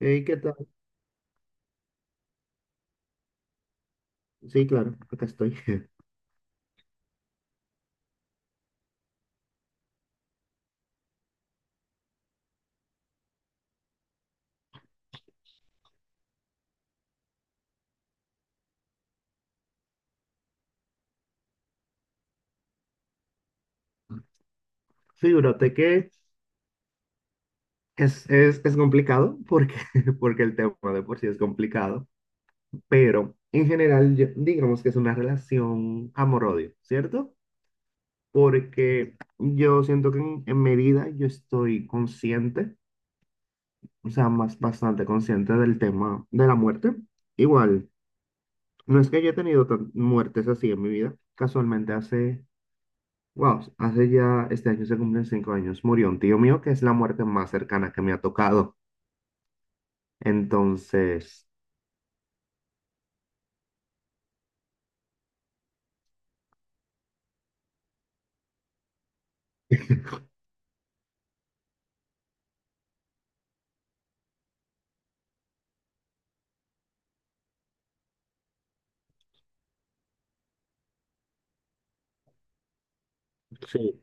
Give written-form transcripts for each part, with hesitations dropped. Ey, ¿qué tal? Sí, claro, acá estoy. Sí, brote, que es complicado porque, porque el tema de por sí es complicado, pero en general digamos que es una relación amor-odio, ¿cierto? Porque yo siento que en medida yo estoy consciente, o sea, más bastante consciente del tema de la muerte. Igual, no es que haya tenido muertes así en mi vida, casualmente hace... Wow, hace ya, este año se cumplen cinco años. Murió un tío mío que es la muerte más cercana que me ha tocado. Entonces... Sí,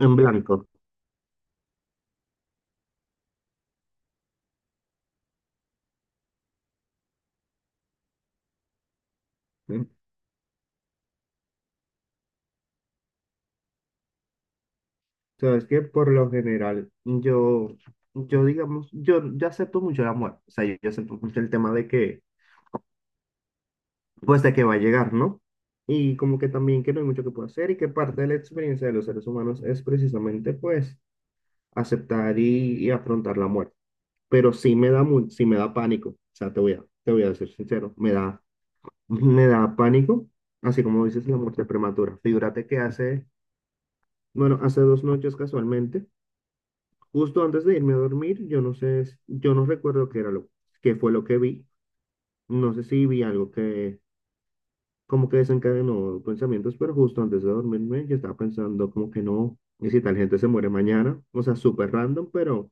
en blanco. ¿Eh? Sabes que por lo general, yo digamos, yo acepto mucho la muerte. O sea, yo acepto mucho el tema de que, pues de que va a llegar, ¿no? Y como que también que no hay mucho que pueda hacer y que parte de la experiencia de los seres humanos es precisamente, pues, aceptar y afrontar la muerte. Pero sí me da, sí me da pánico. O sea, te voy a ser sincero, me da pánico, así como dices la muerte prematura. Figúrate que hace, bueno, hace dos noches casualmente, justo antes de irme a dormir, yo no sé, yo no recuerdo qué fue lo que vi. No sé si vi algo que como que desencadenó pensamientos, pero justo antes de dormirme yo estaba pensando como que no, y si tal gente se muere mañana, o sea, súper random,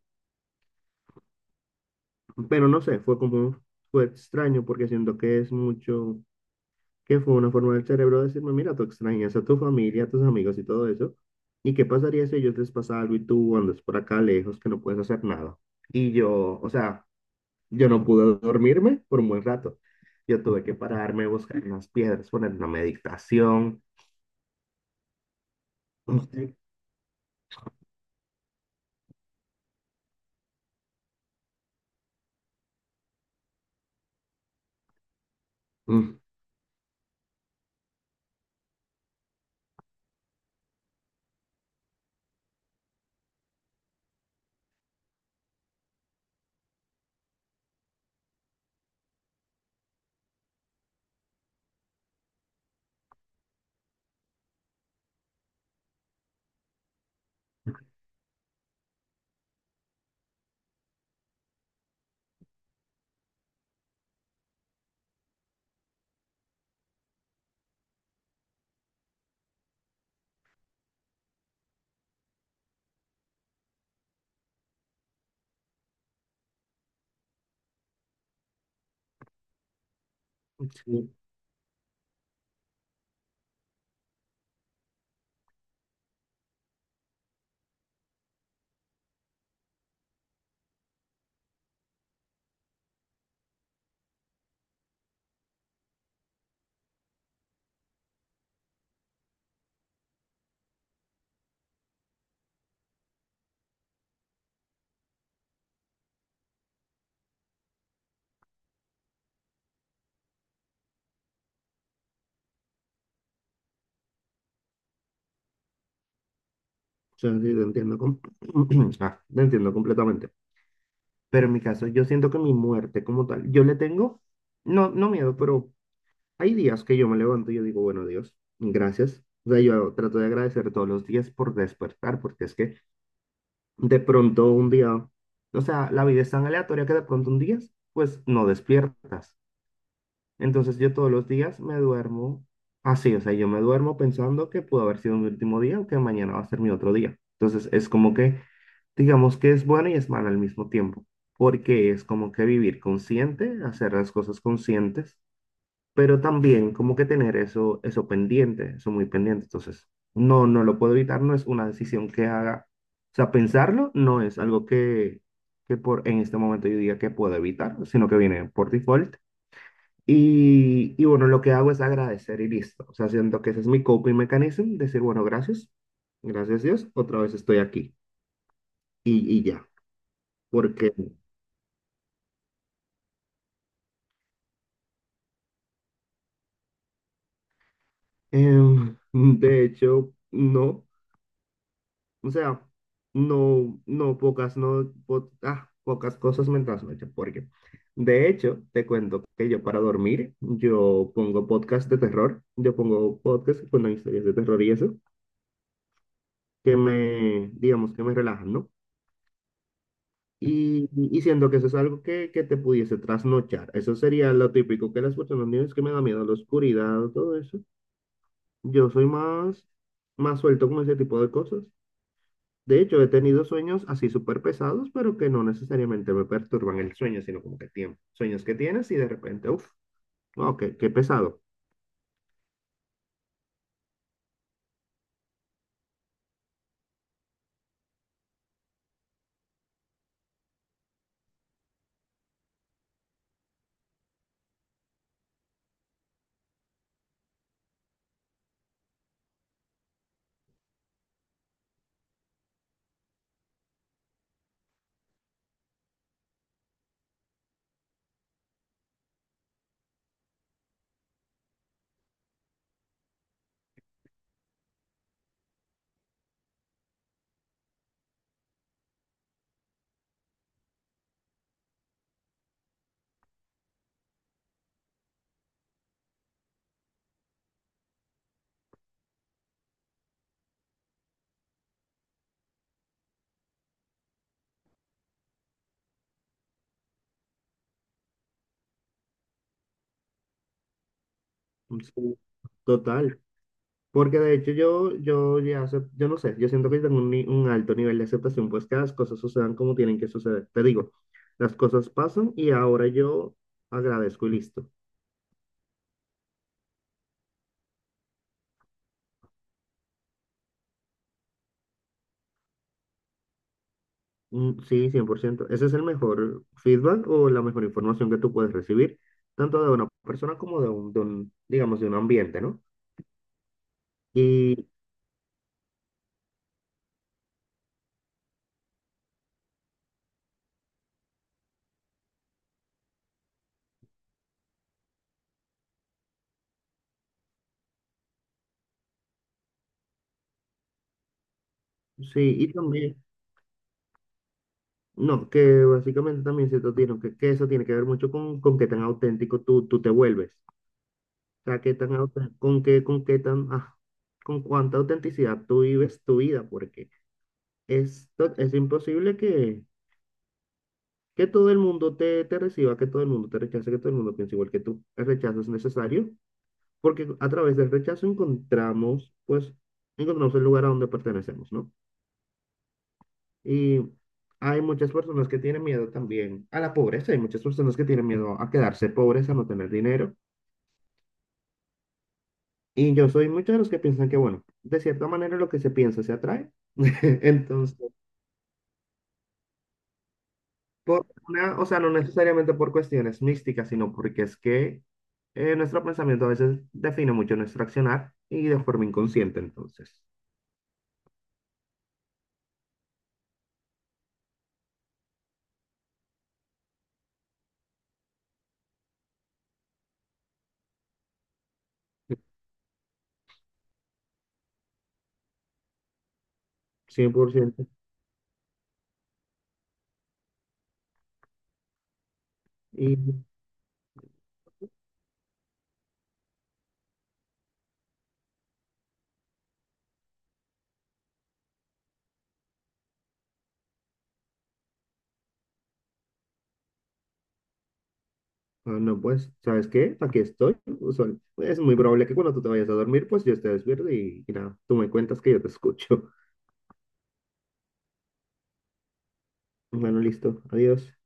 pero no sé, fue extraño porque siento que es mucho, que fue una forma del cerebro de decirme, mira, tú extrañas a tu familia, a tus amigos y todo eso. ¿Y qué pasaría si a ellos les pasa algo y tú andas por acá lejos que no puedes hacer nada? Y yo, o sea, yo no pude dormirme por un buen rato. Yo tuve que pararme, buscar unas piedras, poner una meditación. Sí, mm, sí, sí, lo entiendo, ah, lo entiendo completamente. Pero en mi caso, yo siento que mi muerte como tal, yo le tengo, no, no miedo, pero... Hay días que yo me levanto y yo digo, bueno, Dios, gracias. O sea, yo trato de agradecer todos los días por despertar, porque es que de pronto un día, o sea, la vida es tan aleatoria que de pronto un día, pues no despiertas. Entonces yo todos los días me duermo así, o sea, yo me duermo pensando que pudo haber sido mi último día o que mañana va a ser mi otro día. Entonces es como que, digamos que es bueno y es malo al mismo tiempo, porque es como que vivir consciente, hacer las cosas conscientes, pero también como que tener eso, eso pendiente, eso muy pendiente. Entonces, no lo puedo evitar, no es una decisión que haga. O sea, pensarlo no es algo que por, en este momento yo diga que puedo evitar, sino que viene por default. Y bueno, lo que hago es agradecer y listo. O sea, siento que ese es mi coping mechanism, decir, bueno, gracias, gracias Dios, otra vez estoy aquí y ya. Porque... em, de hecho, no. O sea, no, no, pocas, no, pocas cosas me trasnochan, porque de hecho, te cuento que yo para dormir, yo pongo podcast de terror, yo pongo podcast con historias de terror y eso, que me, digamos, que me relajan, ¿no? Y siento que eso es algo que te pudiese trasnochar. Eso sería lo típico que las personas dicen, es que me da miedo la oscuridad, todo eso. Yo soy más, más suelto con ese tipo de cosas. De hecho, he tenido sueños así súper pesados, pero que no necesariamente me perturban el sueño, sino como que tiempo. Sueños que tienes y de repente, uff, wow, qué pesado. Sí, total. Porque de hecho yo, yo ya sé, yo no sé, yo siento que tengo un, un alto nivel de aceptación, pues que las cosas sucedan como tienen que suceder. Te digo, las cosas pasan y ahora yo agradezco y listo. Mm, sí, 100% Ese es el mejor feedback o la mejor información que tú puedes recibir, tanto de una persona como de un digamos, de un ambiente, ¿no? Y sí, y también, no, que básicamente también se tiene que eso tiene que ver mucho con qué tan auténtico tú, tú te vuelves. O sea, con qué tan, ah, con cuánta autenticidad tú vives tu vida, porque es, es imposible que todo el mundo te, te reciba, que todo el mundo te rechace, que todo el mundo piense igual que tú. El rechazo es necesario, porque a través del rechazo encontramos, pues, encontramos el lugar a donde pertenecemos, ¿no? Y hay muchas personas que tienen miedo también a la pobreza, hay muchas personas que tienen miedo a quedarse pobres, a no tener dinero. Y yo soy muchos de los que piensan que, bueno, de cierta manera lo que se piensa se atrae. Entonces, por una, o sea, no necesariamente por cuestiones místicas, sino porque es que nuestro pensamiento a veces define mucho nuestro accionar y de forma inconsciente, entonces. 100%. Y ah, no, pues, ¿sabes qué? Aquí estoy. Es muy probable que cuando tú te vayas a dormir, pues yo esté despierto y nada, tú me cuentas que yo te escucho. Bueno, listo. Adiós.